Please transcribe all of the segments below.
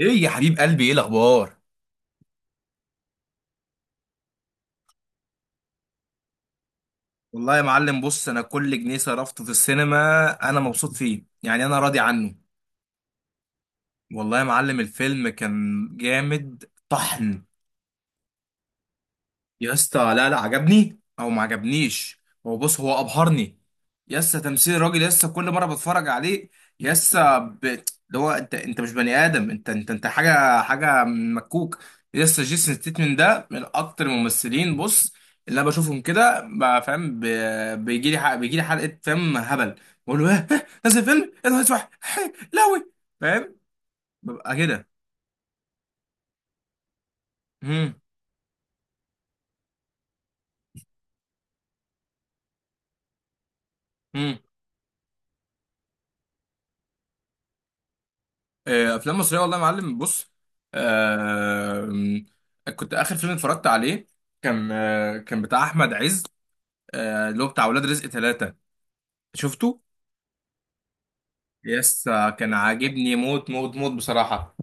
ايه يا حبيب قلبي؟ ايه الاخبار؟ والله يا معلم، بص، انا كل جنيه صرفته في السينما انا مبسوط فيه، يعني انا راضي عنه. والله يا معلم الفيلم كان جامد طحن. يا اسطى، لا لا، عجبني او ما عجبنيش. هو بص، هو ابهرني. يا اسطى، تمثيل الراجل، يا اسطى، كل مره بتفرج عليه. يا اسطى اللي هو، انت مش بني ادم، انت حاجه مكوك. يا اسطى، جيسون ستيتمن ده من اكتر الممثلين، بص، اللي انا بشوفهم كده، فاهم؟ بيجي لي حلقه، فاهم، هبل. بقول له ايه؟ إيه؟ نازل فيلم ايه ده؟ اسمع، إيه، لوي فاهم، ببقى كده. امم آه، افلام مصريه، والله يا معلم، بص، آه، كنت اخر فيلم اتفرجت عليه كان، كان بتاع احمد عز، آه، اللي هو بتاع ولاد رزق ثلاثة، شفته. يس، كان عاجبني موت موت موت بصراحه.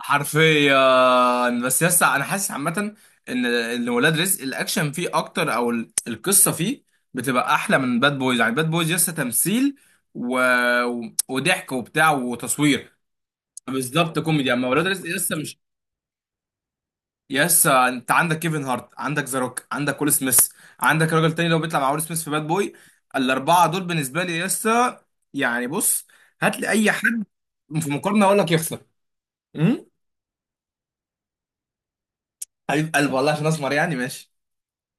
حرفيا، بس يس انا حاسس عامه ان ان ولاد رزق الاكشن فيه اكتر، او القصه فيه بتبقى احلى من باد بويز. يعني باد بويز يس تمثيل و... وضحك وبتاع وتصوير. بالظبط، كوميدي. اما ولاد رزق لسه مش. يس، انت عندك كيفن هارت، عندك ذا روك، عندك ويل سميث، عندك راجل تاني لو بيطلع مع ويل سميث في باد بوي، الاربعه دول بالنسبه لي يس. يعني بص، هات لي اي حد في مقارنه اقول لك يخسر. امم حبيب قلبي، والله عشان اسمر يعني ماشي.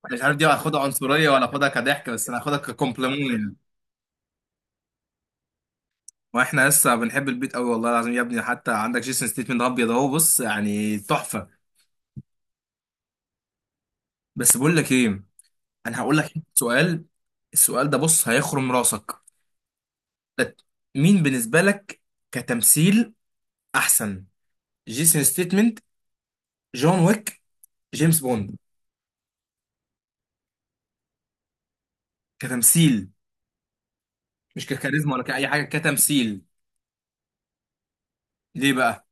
أنا مش عارف دي هاخدها عنصريه ولا اخدها كضحك، بس انا هاخدها ككومبلمون يعني. واحنا لسه بنحب البيت قوي، والله العظيم يا ابني. حتى عندك جيسون ستيتمنت ابيض اهو، بص، يعني تحفه. بس بقول لك ايه، انا هقول لك سؤال. السؤال ده بص هيخرم راسك. لت- مين بالنسبة لك كتمثيل أحسن؟ جيسون ستيتمنت، جون ويك، جيمس بوند؟ كتمثيل، مش ككاريزما ولا كأي حاجة، كتمثيل. ليه بقى؟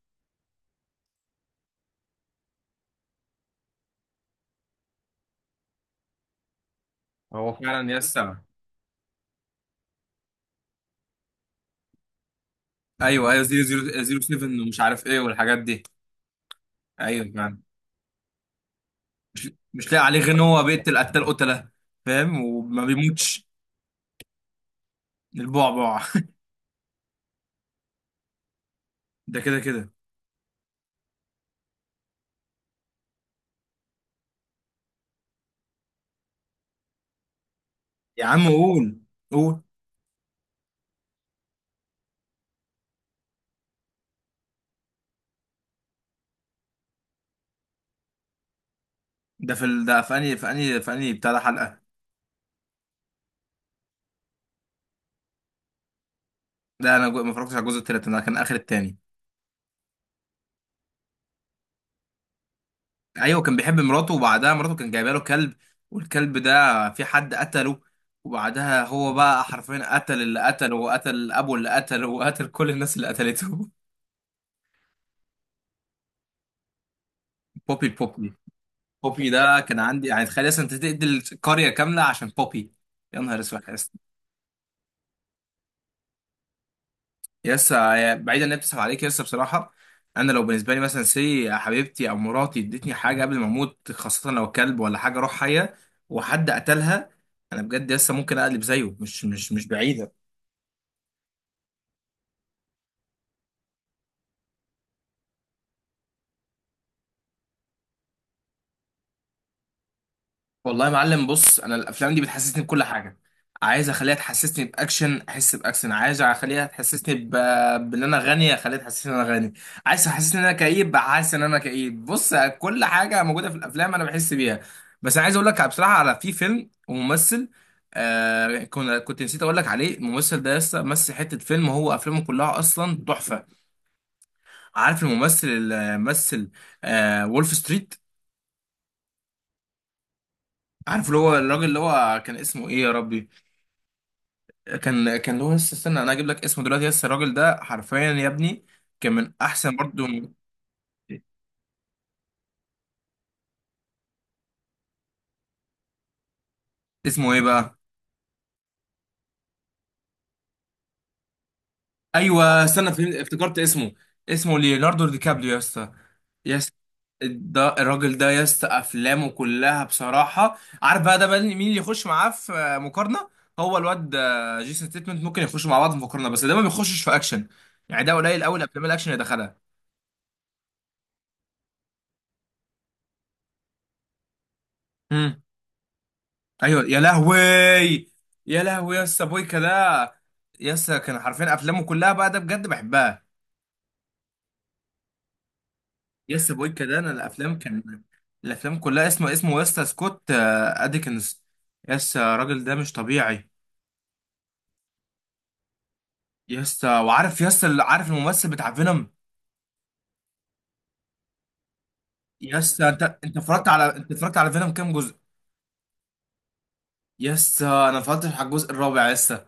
هو فعلا يسا. أيوه، أيوه، زيرو زيرو زيرو سيفن ومش عارف إيه والحاجات دي. أيوه فعلا. مش لاقي عليه غير إن هو بيقتل قتال قتلة، فاهم؟ وما بيموتش. البعبع. ده كده كده. يا عم قول، قول. ده في ده في أنهي، في أنهي بتاع ده حلقة؟ ده أنا ما اتفرجتش على الجزء التالت، أنا كان آخر التاني. ايوه، كان بيحب مراته، وبعدها مراته كان جايبه له كلب، والكلب ده في حد قتله، وبعدها هو بقى حرفيا قتل اللي قتله وقتل ابو اللي قتله وقتل كل الناس اللي قتلته. بوبي بوبي. بوبي ده كان عندي يعني، تخيل اصلا انت تقتل قريه كامله عشان بوبي؟ يا نهار اسود يا اسطى. يسا يا اسطى، بعيدا ان هي بتسحب عليك يا اسطى بصراحه. انا لو بالنسبه لي مثلا، سي حبيبتي او مراتي ادتني حاجه قبل ما اموت، خاصه لو كلب ولا حاجه روح حيه، وحد قتلها، انا بجد لسه ممكن اقلب زيه، مش بعيده. والله يا معلم، بص، انا الافلام دي بتحسسني بكل حاجه. عايز اخليها تحسسني باكشن، احس باكشن. عايز اخليها تحسسني بان انا غني، اخليها تحسسني ان انا غني. عايز تحسسني ان انا كئيب، حاسس ان انا كئيب. بص، كل حاجه موجوده في الافلام انا بحس بيها. بس انا عايز اقول لك بصراحه على في فيلم وممثل آه، كنت نسيت اقول لك عليه. الممثل ده لسه مثل حته فيلم، هو افلامه كلها اصلا تحفه. عارف الممثل اللي مثل آه وولف ستريت؟ عارف اللي هو الراجل، اللي هو كان اسمه ايه يا ربي، كان لويس، استنى انا اجيب لك اسمه دلوقتي. يس، الراجل ده حرفيا يا ابني كان من احسن برضو. اسمه ايه بقى؟ ايوه استنى، افتكرت اسمه. اسمه ليوناردو دي كابريو يا اسطى. يس، ده الراجل ده يا اسطى، افلامه كلها بصراحه. عارف بقى ده بقى مين اللي يخش معاه في مقارنه؟ هو الواد آه، جيسون ستيتمنت ممكن يخشوا مع بعض في مقارنه، بس ده ما بيخشش في اكشن، يعني ده قليل قوي الافلام الاكشن اللي دخلها. ايوه يا لهوي. يا لهوي يا اسطى، بويكا ده، يا اسطى، كان حرفيا افلامه كلها بقى ده بجد بحبها. يا اسطى بويكا ده انا الافلام كان، الافلام كلها، اسمه يا اسطى سكوت آه، ادكنز. يا اسطى الراجل ده مش طبيعي. يا اسطى، وعارف يا اسطى، عارف الممثل بتاع فينوم؟ يا اسطى، انت اتفرجت على فينوم كام جزء؟ يا اسطى انا اتفرجت على الجزء الرابع يا اسطى.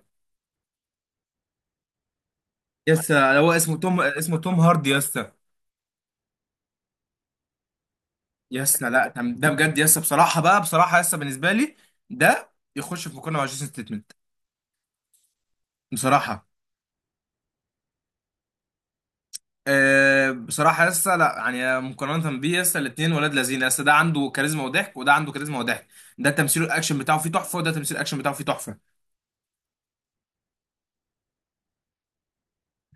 يا اسطى هو اسمه توم هاردي يا اسطى. يسنا، لا، ده بجد يسا، بصراحه، بقى بصراحه، يسا بالنسبه لي ده يخش في مقارنه مع جيسون ستيتمنت بصراحه. أه بصراحه يسا، لا يعني مقارنه بيه، يسا الاثنين ولاد لذين. يسا، ده عنده كاريزما وضحك، وده عنده كاريزما وضحك. ده تمثيل الاكشن بتاعه فيه تحفه، وده تمثيل الاكشن بتاعه فيه تحفه.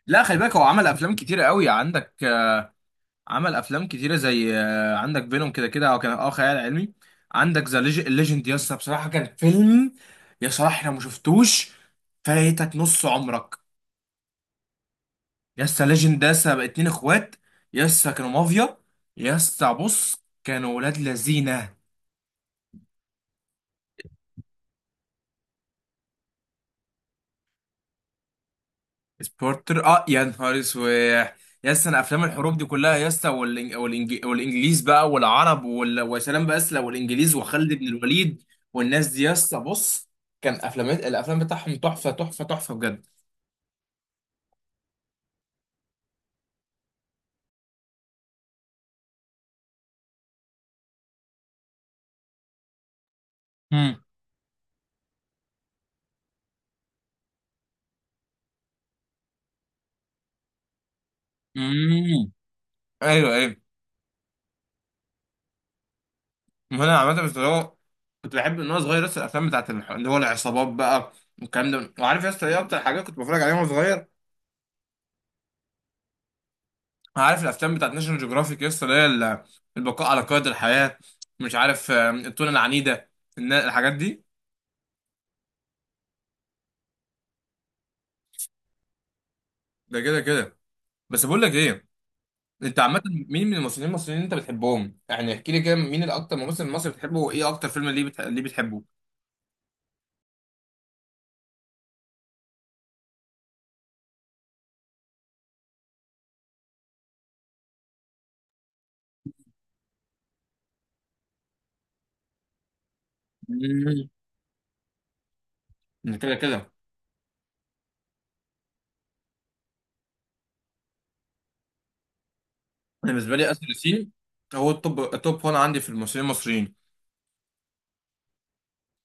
لا، خلي بالك هو عمل افلام كتيره قوي. عندك آه، عمل افلام كتيره زي آه، عندك بينهم كده كده هو كان خيال علمي. عندك ذا ليجند، يسا بصراحه كان فيلم، يا صلاح لو ما شفتوش فايتك نص عمرك. يسا ليجند ده، يسا بقى اتنين اخوات، يسا كانوا مافيا، يسا بص كانوا ولاد لذينه. سبورتر، يا نهار اسود. يسا، انا افلام الحروب دي كلها، يسا، والانجليز بقى والعرب وسلام باسله والانجليز وخالد بن الوليد والناس دي. يسا بص، كان افلام، الافلام بتاعهم تحفه تحفه تحفه بجد. امم امم ايوه ايوه. ما انا عامه، بس اللي هو كنت بحب ان انا صغير لسه الافلام بتاعت اللي هو العصابات بقى والكلام ده. وعارف يا اسطى ايه اكتر حاجات كنت بتفرج عليها وانا صغير؟ عارف الافلام بتاعت ناشونال جيوغرافيك يا اسطى، اللي هي البقاء على قيد الحياه، مش عارف التونه العنيده، الحاجات دي. ده كده كده. بس بقول لك ايه، انت عامه، مين من الممثلين المصريين اللي انت بتحبهم؟ يعني احكي لي كده مين الاكتر ممثل مصري بتحبه، وايه اكتر فيلم ليه بتحبه؟ مم. ده كده كده. انا بالنسبه لي اسر ياسين هو التوب التوب 1 عندي في الممثلين المصريين.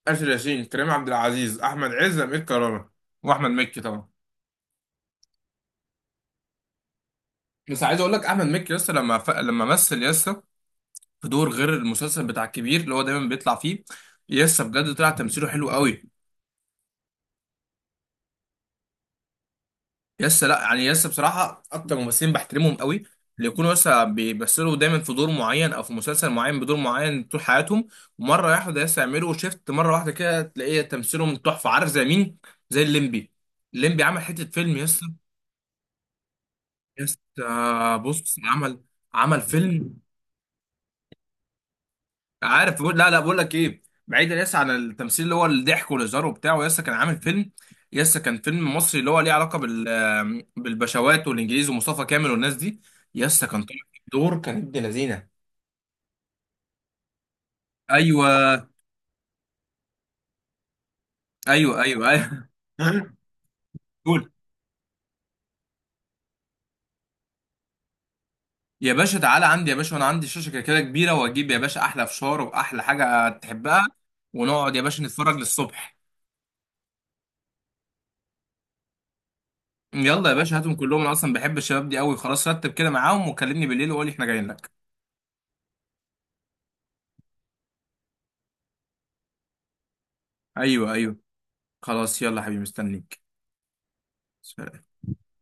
آسر ياسين، كريم عبد العزيز، احمد عز، امير كرارة، واحمد مكي طبعا. بس عايز اقول لك احمد مكي، لسه لما لما مثل لسه في دور غير المسلسل بتاع الكبير اللي هو دايما بيطلع فيه، لسه بجد طلع تمثيله حلو قوي. لسه، لا يعني، لسه بصراحه اكتر ممثلين بحترمهم قوي، اللي يكونوا لسه بيمثلوا دايما في دور معين او في مسلسل معين بدور معين طول حياتهم، ومره واحده لسه يعملوا شيفت مره واحده كده، تلاقيه تمثيلهم تحفه. عارف زي مين؟ زي الليمبي. الليمبي عمل حته فيلم يس. يس آه، بص عمل، عمل فيلم. عارف بقول لا لا، بقول لك ايه، بعيدا يس عن التمثيل اللي هو الضحك والهزار وبتاع، يس كان عامل فيلم، يس كان فيلم مصري، اللي هو ليه علاقه بال آه، بالبشوات والانجليز ومصطفى كامل والناس دي. يس كان طالع في دور، كان ابن لذينه. ايوه ايوه ايوه. ايوه. قول. يا باشا، تعالى عندي يا باشا، وانا عندي شاشه كده كده كبيره، واجيب يا باشا احلى فشار واحلى حاجه تحبها، ونقعد يا باشا نتفرج للصبح. يلا يا باشا هاتهم كلهم، انا اصلا بحب الشباب دي قوي. خلاص رتب كده معاهم وكلمني بالليل وقولي احنا جايين لك. ايوه ايوه. خلاص يلا يا حبيبي، مستنيك. سلام.